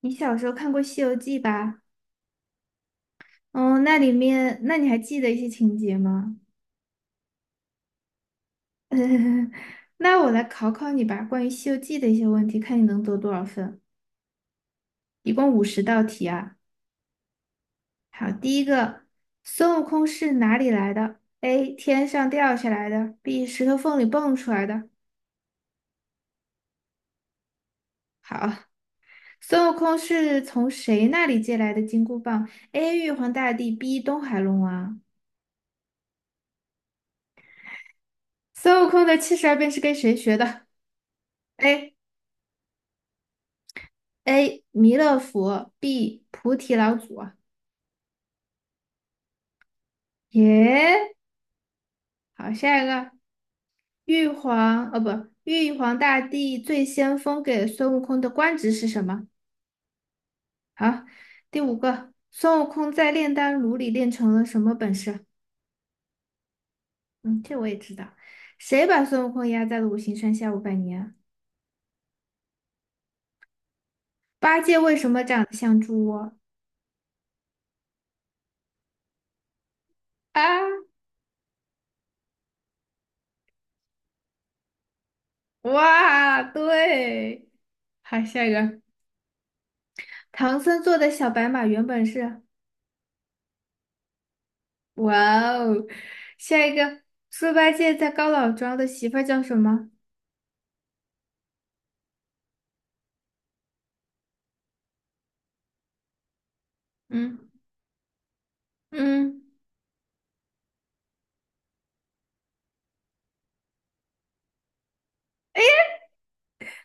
你小时候看过《西游记》吧？哦，那里面，那你还记得一些情节吗？那我来考考你吧，关于《西游记》的一些问题，看你能得多少分。一共50道题啊。好，第一个，孙悟空是哪里来的？A. 天上掉下来的；B. 石头缝里蹦出来的。好，孙悟空是从谁那里借来的金箍棒？A. 玉皇大帝，B. 东海龙王。孙悟空的七十二变是跟谁学的？A. A. 弥勒佛，B. 菩提老祖啊。耶，好，下一个，玉皇，哦不，玉皇大帝最先封给孙悟空的官职是什么？好，第五个，孙悟空在炼丹炉里练成了什么本事？嗯，这我也知道。谁把孙悟空压在了五行山下500年？八戒为什么长得像猪窝？啊，哇，对，好，下一个，唐僧坐的小白马原本是。哇哦，下一个，猪八戒在高老庄的媳妇儿叫什么？嗯嗯，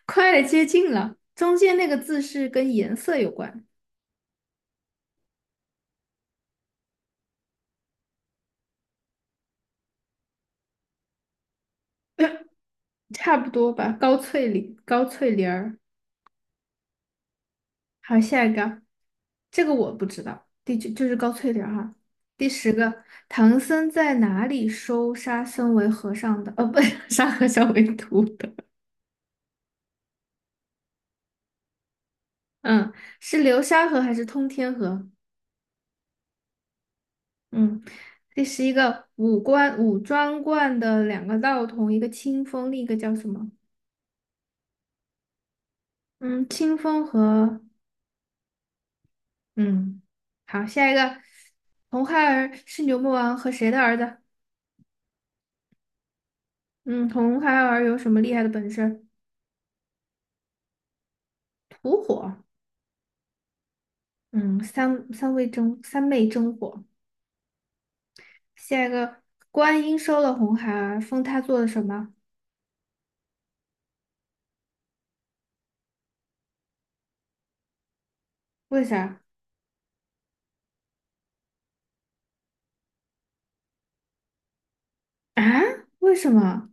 快接近了，中间那个字是跟颜色有关，差不多吧？高翠玲，高翠玲儿。好，下一个，这个我不知道，第九就是高翠玲儿哈。第十个，唐僧在哪里收沙僧为和尚的？哦，不，沙和尚为徒的。嗯，是流沙河还是通天河？嗯，这是一个五庄观的两个道童，一个清风，另一个叫什么？嗯，清风和嗯，好，下一个，红孩儿是牛魔王和谁的儿子？嗯，红孩儿有什么厉害的本事？吐火。嗯，三昧真火。下一个，观音收了红孩儿，封他做了什么？为啥？啊？为什么？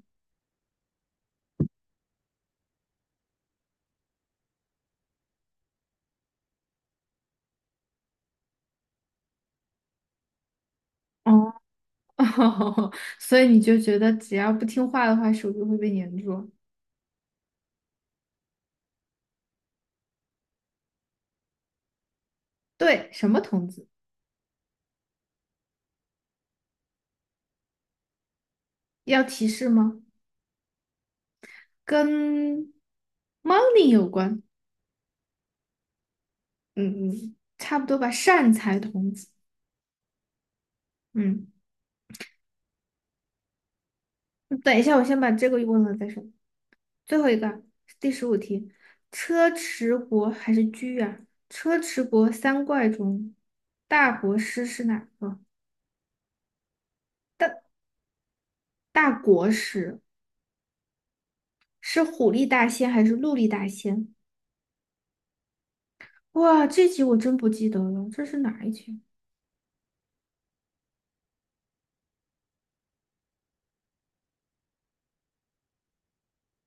哦，所以你就觉得只要不听话的话，手就会被粘住。对，什么童子？要提示吗？跟 money 有关。嗯嗯，差不多吧。善财童子。嗯，等一下，我先把这个问了再说。最后一个，第十五题，车迟国还是居啊？车迟国三怪中，大国师是哪个？大大国师是虎力大仙还是鹿力大仙？哇，这集我真不记得了，这是哪一集？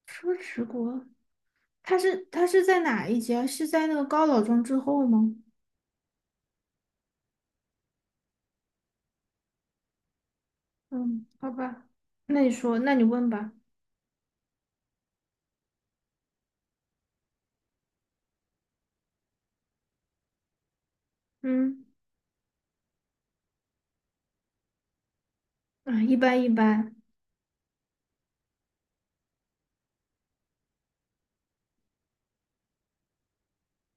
车迟国他是在哪一节？是在那个高老庄之后吗？嗯，好吧，那你说，那你问吧。嗯，啊，一般一般。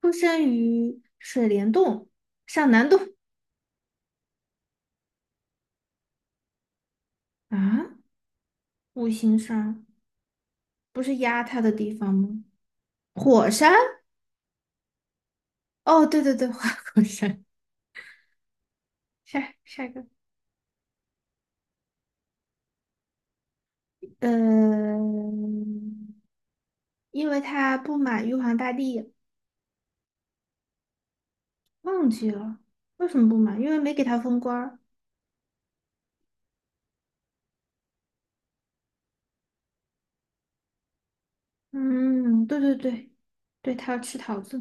出生于水帘洞、上南洞啊，五行山不是压他的地方吗？火山？哦，对对对，花果山。下一个，呃，因为他不满玉皇大帝，忘记了为什么不满，因为没给他封官儿。嗯，对对对，对，他要吃桃子，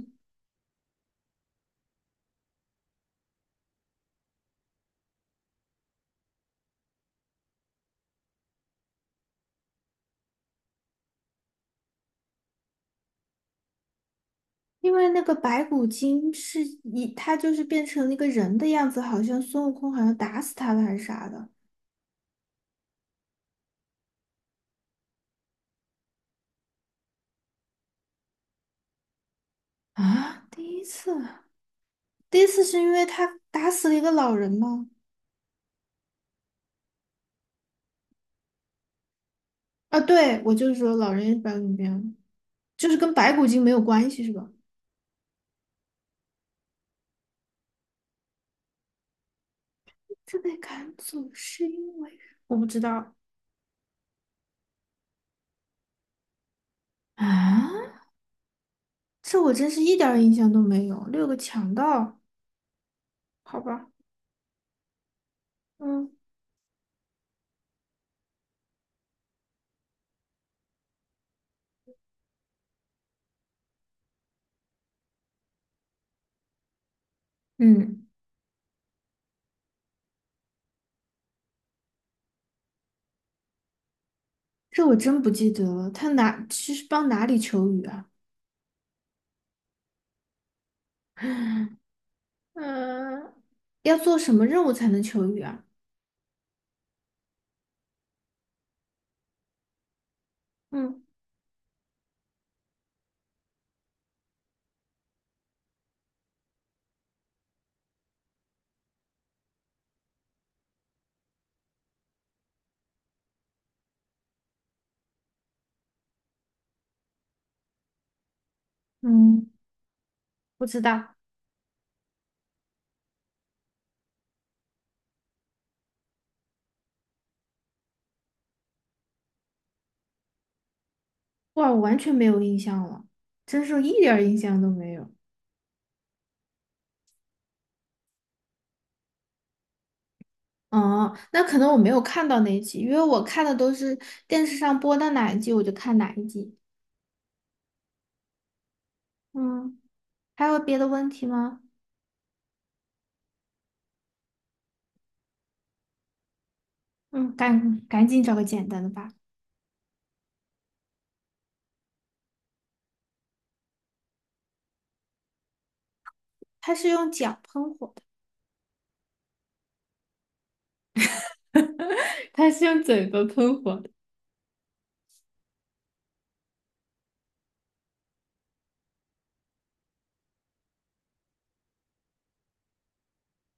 因为那个白骨精是一，他就是变成了一个人的样子，好像孙悟空好像打死他了还是啥的啊？第一次，第一次是因为他打死了一个老人吗？啊，对，我就是说老人也是白骨精就是跟白骨精没有关系是吧？这被赶走是因为我不知道啊，这我真是一点儿印象都没有。6个强盗，好吧，嗯嗯。这我真不记得了。他哪是帮哪里求雨啊？嗯，要做什么任务才能求雨啊？嗯嗯，不知道。哇，我完全没有印象了，真是一点儿印象都没有。哦，那可能我没有看到那一集，因为我看的都是电视上播到哪一集我就看哪一集。嗯，还有别的问题吗？嗯，赶紧找个简单的吧。他是用脚喷火的，它是用嘴巴喷火的。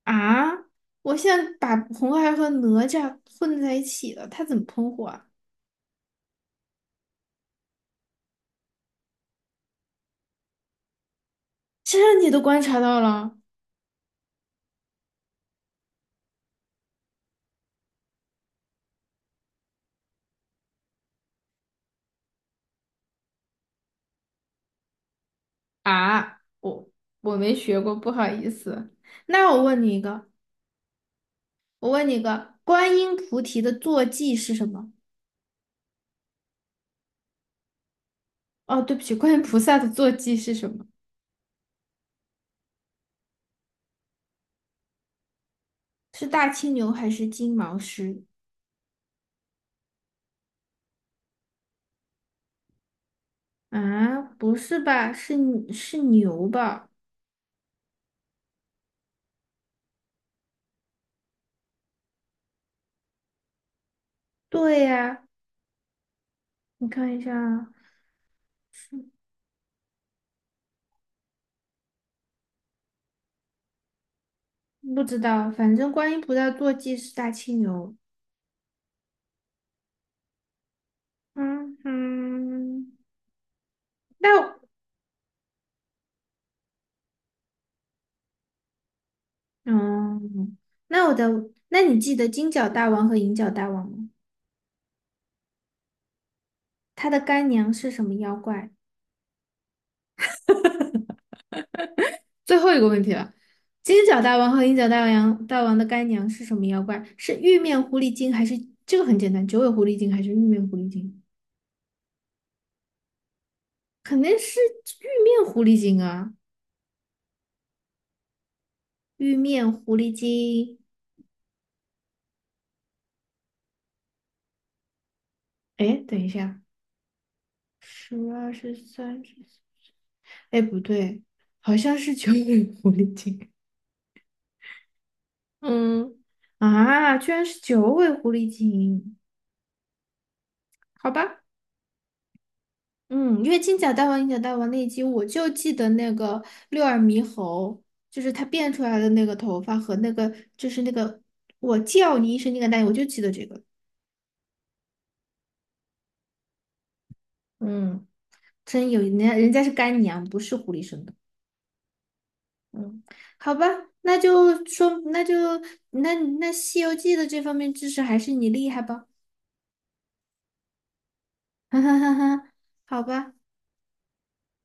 啊，我现在把红孩儿和哪吒混在一起了，他怎么喷火啊？这你都观察到了啊？我没学过，不好意思。那我问你一个，观音菩提的坐骑是什么？哦，对不起，观音菩萨的坐骑是什么？是大青牛还是金毛狮？啊，不是吧？是是牛吧？对呀，你看一下啊是不知道，反正观音菩萨坐骑是大青牛。嗯哼，那嗯，那我的，那你记得金角大王和银角大王吗？他的干娘是什么妖怪？最后一个问题了，金角大王和银角大王的干娘是什么妖怪？是玉面狐狸精还是这个很简单，九尾狐狸精还是玉面狐狸精？肯定是玉面狐狸精啊，玉面狐狸精。哎，等一下，十二十三十四，哎，不对，好像是九尾狐狸精。嗯，啊，居然是九尾狐狸精，好吧，嗯，因为金角大王、银角大王那一集，我就记得那个六耳猕猴，就是它变出来的那个头发和那个，就是那个我叫你一声那个大我就记得这个。嗯，真有人家是干娘，不是狐狸生的。嗯，好吧，那就那那《西游记》的这方面知识还是你厉害吧，哈哈哈哈，好吧。